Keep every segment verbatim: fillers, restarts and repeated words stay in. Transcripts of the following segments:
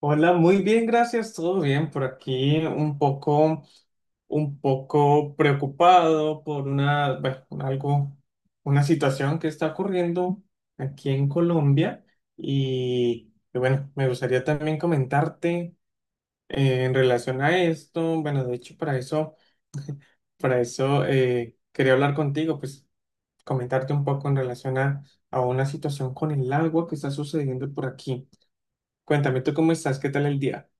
Hola, muy bien, gracias, todo bien por aquí, un poco, un poco preocupado por una, bueno, algo, una situación que está ocurriendo aquí en Colombia y, y bueno, me gustaría también comentarte eh, en relación a esto, bueno, de hecho para eso, para eso eh, quería hablar contigo, pues comentarte un poco en relación a, a una situación con el agua que está sucediendo por aquí. Cuéntame, ¿tú cómo estás? ¿Qué tal el día?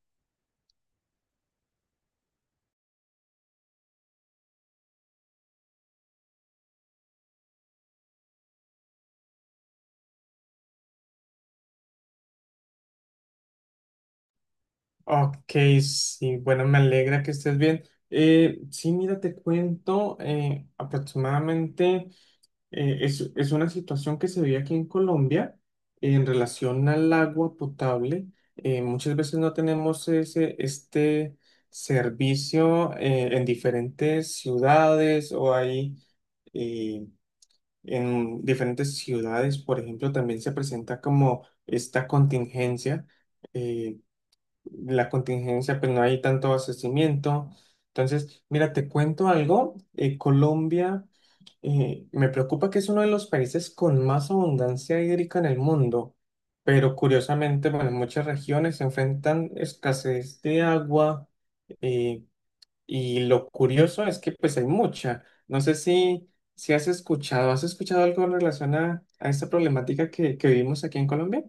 Ok, sí, bueno, me alegra que estés bien. Eh, sí, mira, te cuento, eh, aproximadamente eh, es, es una situación que se ve aquí en Colombia en relación al agua potable. Eh, muchas veces no tenemos ese, este servicio eh, en diferentes ciudades o hay eh, en diferentes ciudades, por ejemplo, también se presenta como esta contingencia. eh, la contingencia, pues no hay tanto abastecimiento. Entonces, mira, te cuento algo. eh, Colombia, eh, me preocupa que es uno de los países con más abundancia hídrica en el mundo, pero curiosamente, bueno, muchas regiones se enfrentan escasez de agua eh, y lo curioso es que pues hay mucha. No sé si, si has escuchado, ¿has escuchado algo en relación a, a esta problemática que, que vivimos aquí en Colombia?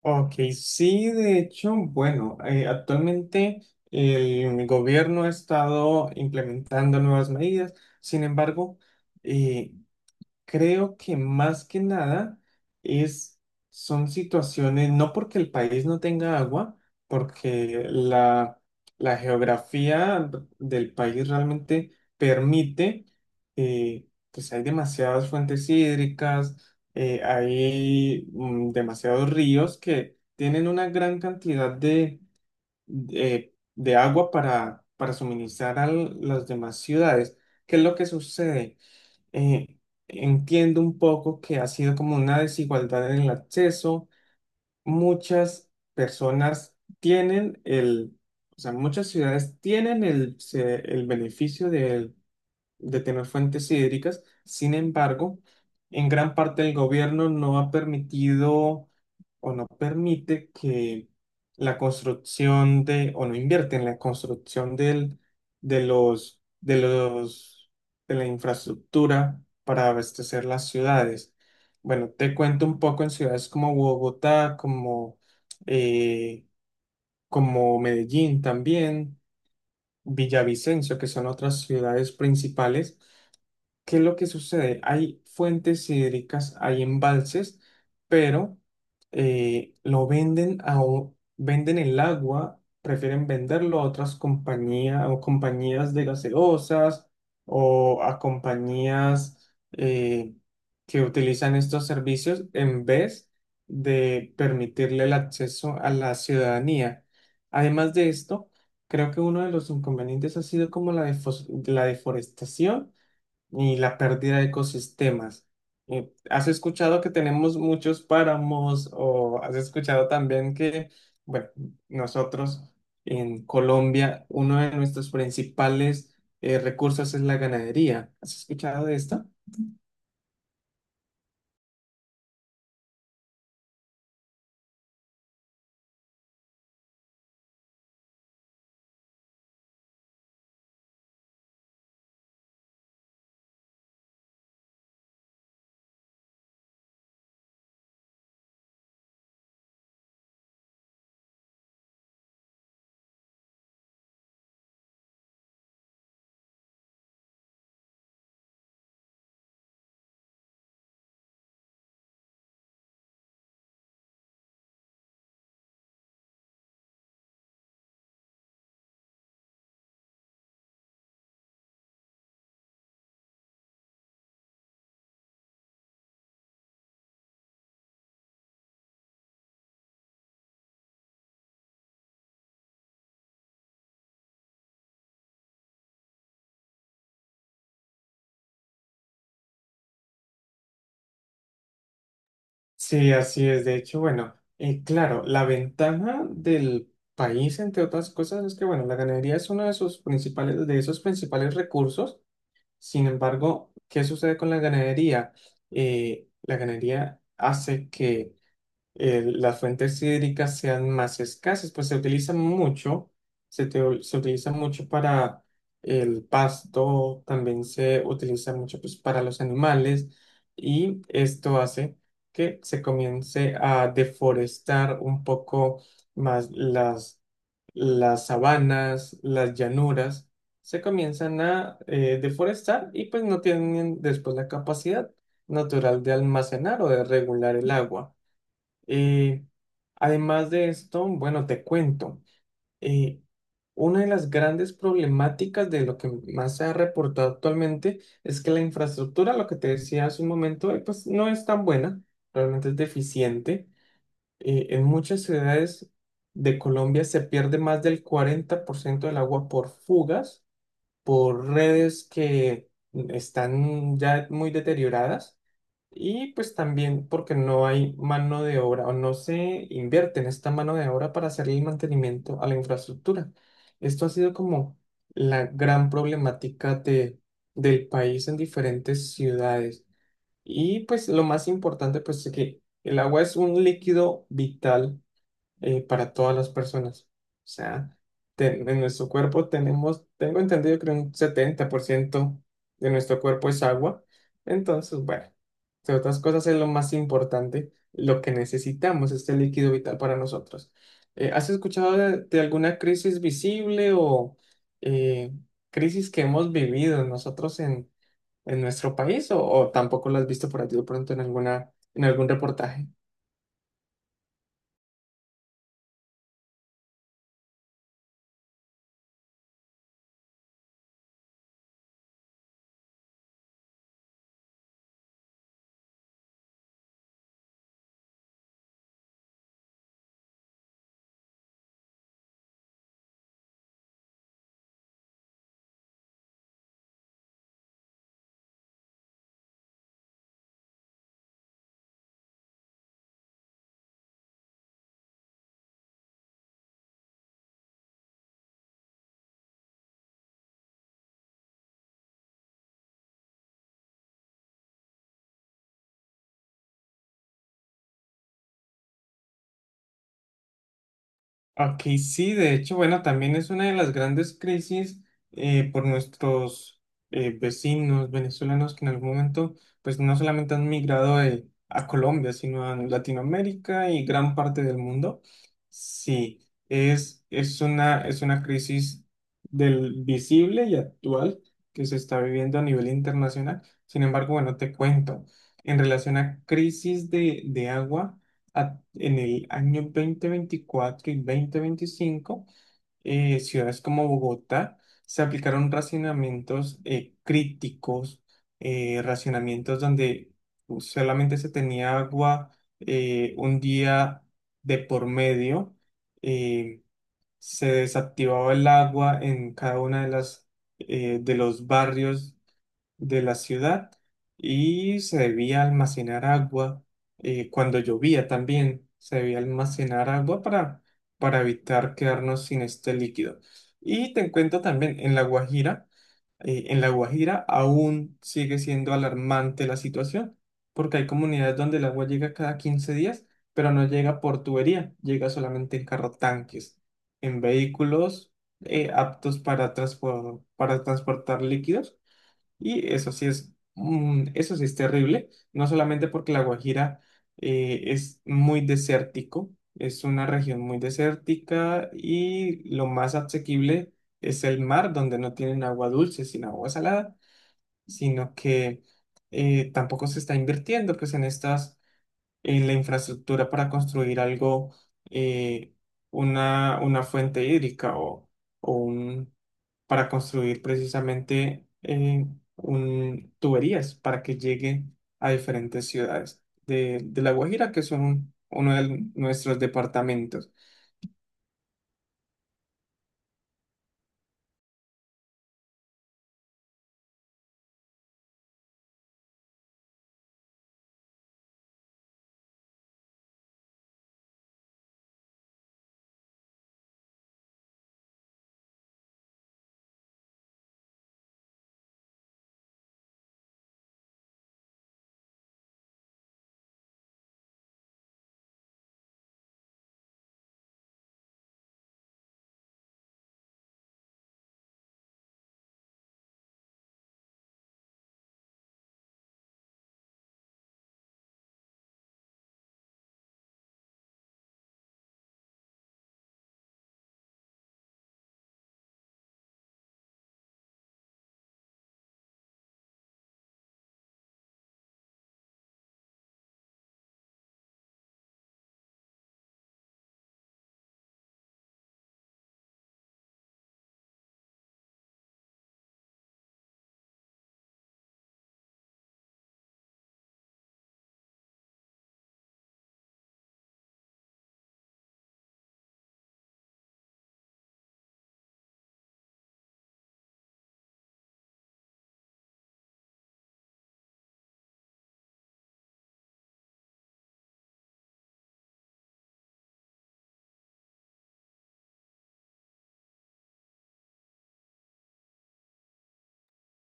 Ok, sí, de hecho, bueno, eh, actualmente el gobierno ha estado implementando nuevas medidas, sin embargo, eh, creo que más que nada es, son situaciones, no porque el país no tenga agua, porque la, la geografía del país realmente permite, eh, pues hay demasiadas fuentes hídricas, eh, hay mm, demasiados ríos que tienen una gran cantidad de, de, de agua para, para suministrar a las demás ciudades. ¿Qué es lo que sucede? eh, Entiendo un poco que ha sido como una desigualdad en el acceso. Muchas personas tienen el, o sea, muchas ciudades tienen el, se- el beneficio de, de tener fuentes hídricas. Sin embargo, en gran parte el gobierno no ha permitido o no permite que la construcción de, o no invierte en la construcción del, de los, de los, de la infraestructura para abastecer las ciudades. Bueno, te cuento un poco en ciudades como Bogotá, como, eh, como Medellín también, Villavicencio, que son otras ciudades principales. ¿Qué es lo que sucede? Hay fuentes hídricas, hay embalses, pero eh, lo venden a, o- venden el agua, prefieren venderlo a otras compañías o compañías de gaseosas o a compañías eh, que utilizan estos servicios en vez de permitirle el acceso a la ciudadanía. Además de esto, creo que uno de los inconvenientes ha sido como la defos- la deforestación y la pérdida de ecosistemas. Eh, ¿Has escuchado que tenemos muchos páramos o has escuchado también que, bueno, nosotros en Colombia, uno de nuestros principales eh, recursos es la ganadería? ¿Has escuchado de esto? Sí, así es. De hecho, bueno, eh, claro, la ventaja del país, entre otras cosas, es que, bueno, la ganadería es uno de sus principales, de esos principales recursos. Sin embargo, ¿qué sucede con la ganadería? Eh, la ganadería hace que eh, las fuentes hídricas sean más escasas, pues se utilizan mucho, se, te- se utiliza mucho para el pasto, también se utiliza mucho pues, para los animales y esto hace que se comience a deforestar un poco más las, las sabanas, las llanuras, se comienzan a eh, deforestar y pues no tienen después la capacidad natural de almacenar o de regular el agua. Eh, Además de esto, bueno, te cuento, eh, una de las grandes problemáticas de lo que más se ha reportado actualmente es que la infraestructura, lo que te decía hace un momento, eh, pues no es tan buena, realmente es deficiente. Eh, en muchas ciudades de Colombia se pierde más del cuarenta por ciento del agua por fugas, por redes que están ya muy deterioradas. Y pues también porque no hay mano de obra o no se invierte en esta mano de obra para hacer el mantenimiento a la infraestructura. Esto ha sido como la gran problemática de, del país en diferentes ciudades. Y pues lo más importante pues es que el agua es un líquido vital eh, para todas las personas. O sea, ten- en nuestro cuerpo tenemos, tengo entendido que un setenta por ciento de nuestro cuerpo es agua. Entonces, bueno, entre otras cosas es lo más importante, lo que necesitamos, este líquido vital para nosotros. Eh, ¿has escuchado de, de alguna crisis visible o eh, crisis que hemos vivido nosotros en, en nuestro país o, o tampoco lo has visto por allí de pronto en alguna, en algún reportaje? Ok, sí, de hecho, bueno, también es una de las grandes crisis eh, por nuestros eh, vecinos venezolanos que en algún momento, pues no solamente han migrado eh, a Colombia, sino a Latinoamérica y gran parte del mundo. Sí, es, es una, es una crisis del visible y actual que se está viviendo a nivel internacional. Sin embargo, bueno, te cuento, en relación a crisis de, de agua a- en el año dos mil veinticuatro y dos mil veinticinco, eh, ciudades como Bogotá se aplicaron racionamientos eh, críticos, eh, racionamientos donde uh, solamente se tenía agua eh, un día de por medio, eh, se desactivaba el agua en cada una de las eh, de los barrios de la ciudad y se debía almacenar agua eh, cuando llovía también. Se debía almacenar agua para, para evitar quedarnos sin este líquido. Y te cuento también, en La Guajira, eh, en La Guajira aún sigue siendo alarmante la situación, porque hay comunidades donde el agua llega cada quince días, pero no llega por tubería, llega solamente en carro tanques, en vehículos eh, aptos para, transpo- para transportar líquidos y eso sí es, mm, eso sí es terrible, no solamente porque La Guajira eh, es muy desértico, es una región muy desértica y lo más asequible es el mar, donde no tienen agua dulce, sino agua salada, sino que eh, tampoco se está invirtiendo pues en estas, en la infraestructura para construir algo, eh, una, una fuente hídrica o, para construir precisamente eh, un, tuberías para que llegue a diferentes ciudades de, de La Guajira, que son uno de nuestros departamentos.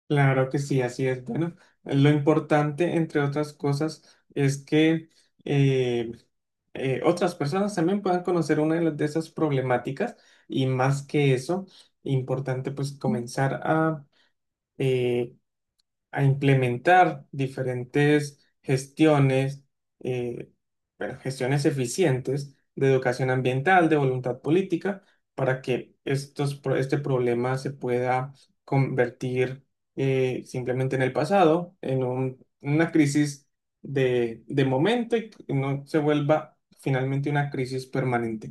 Claro que sí, así es. Bueno, lo importante, entre otras cosas, es que eh, eh, otras personas también puedan conocer una de, las- de esas problemáticas y más que eso, importante pues comenzar a... eh, a implementar diferentes gestiones, eh, bueno, gestiones eficientes de educación ambiental, de voluntad política, para que estos, pro- este problema se pueda convertir eh, simplemente en el pasado, en un- una crisis de, de momento y no se vuelva finalmente una crisis permanente.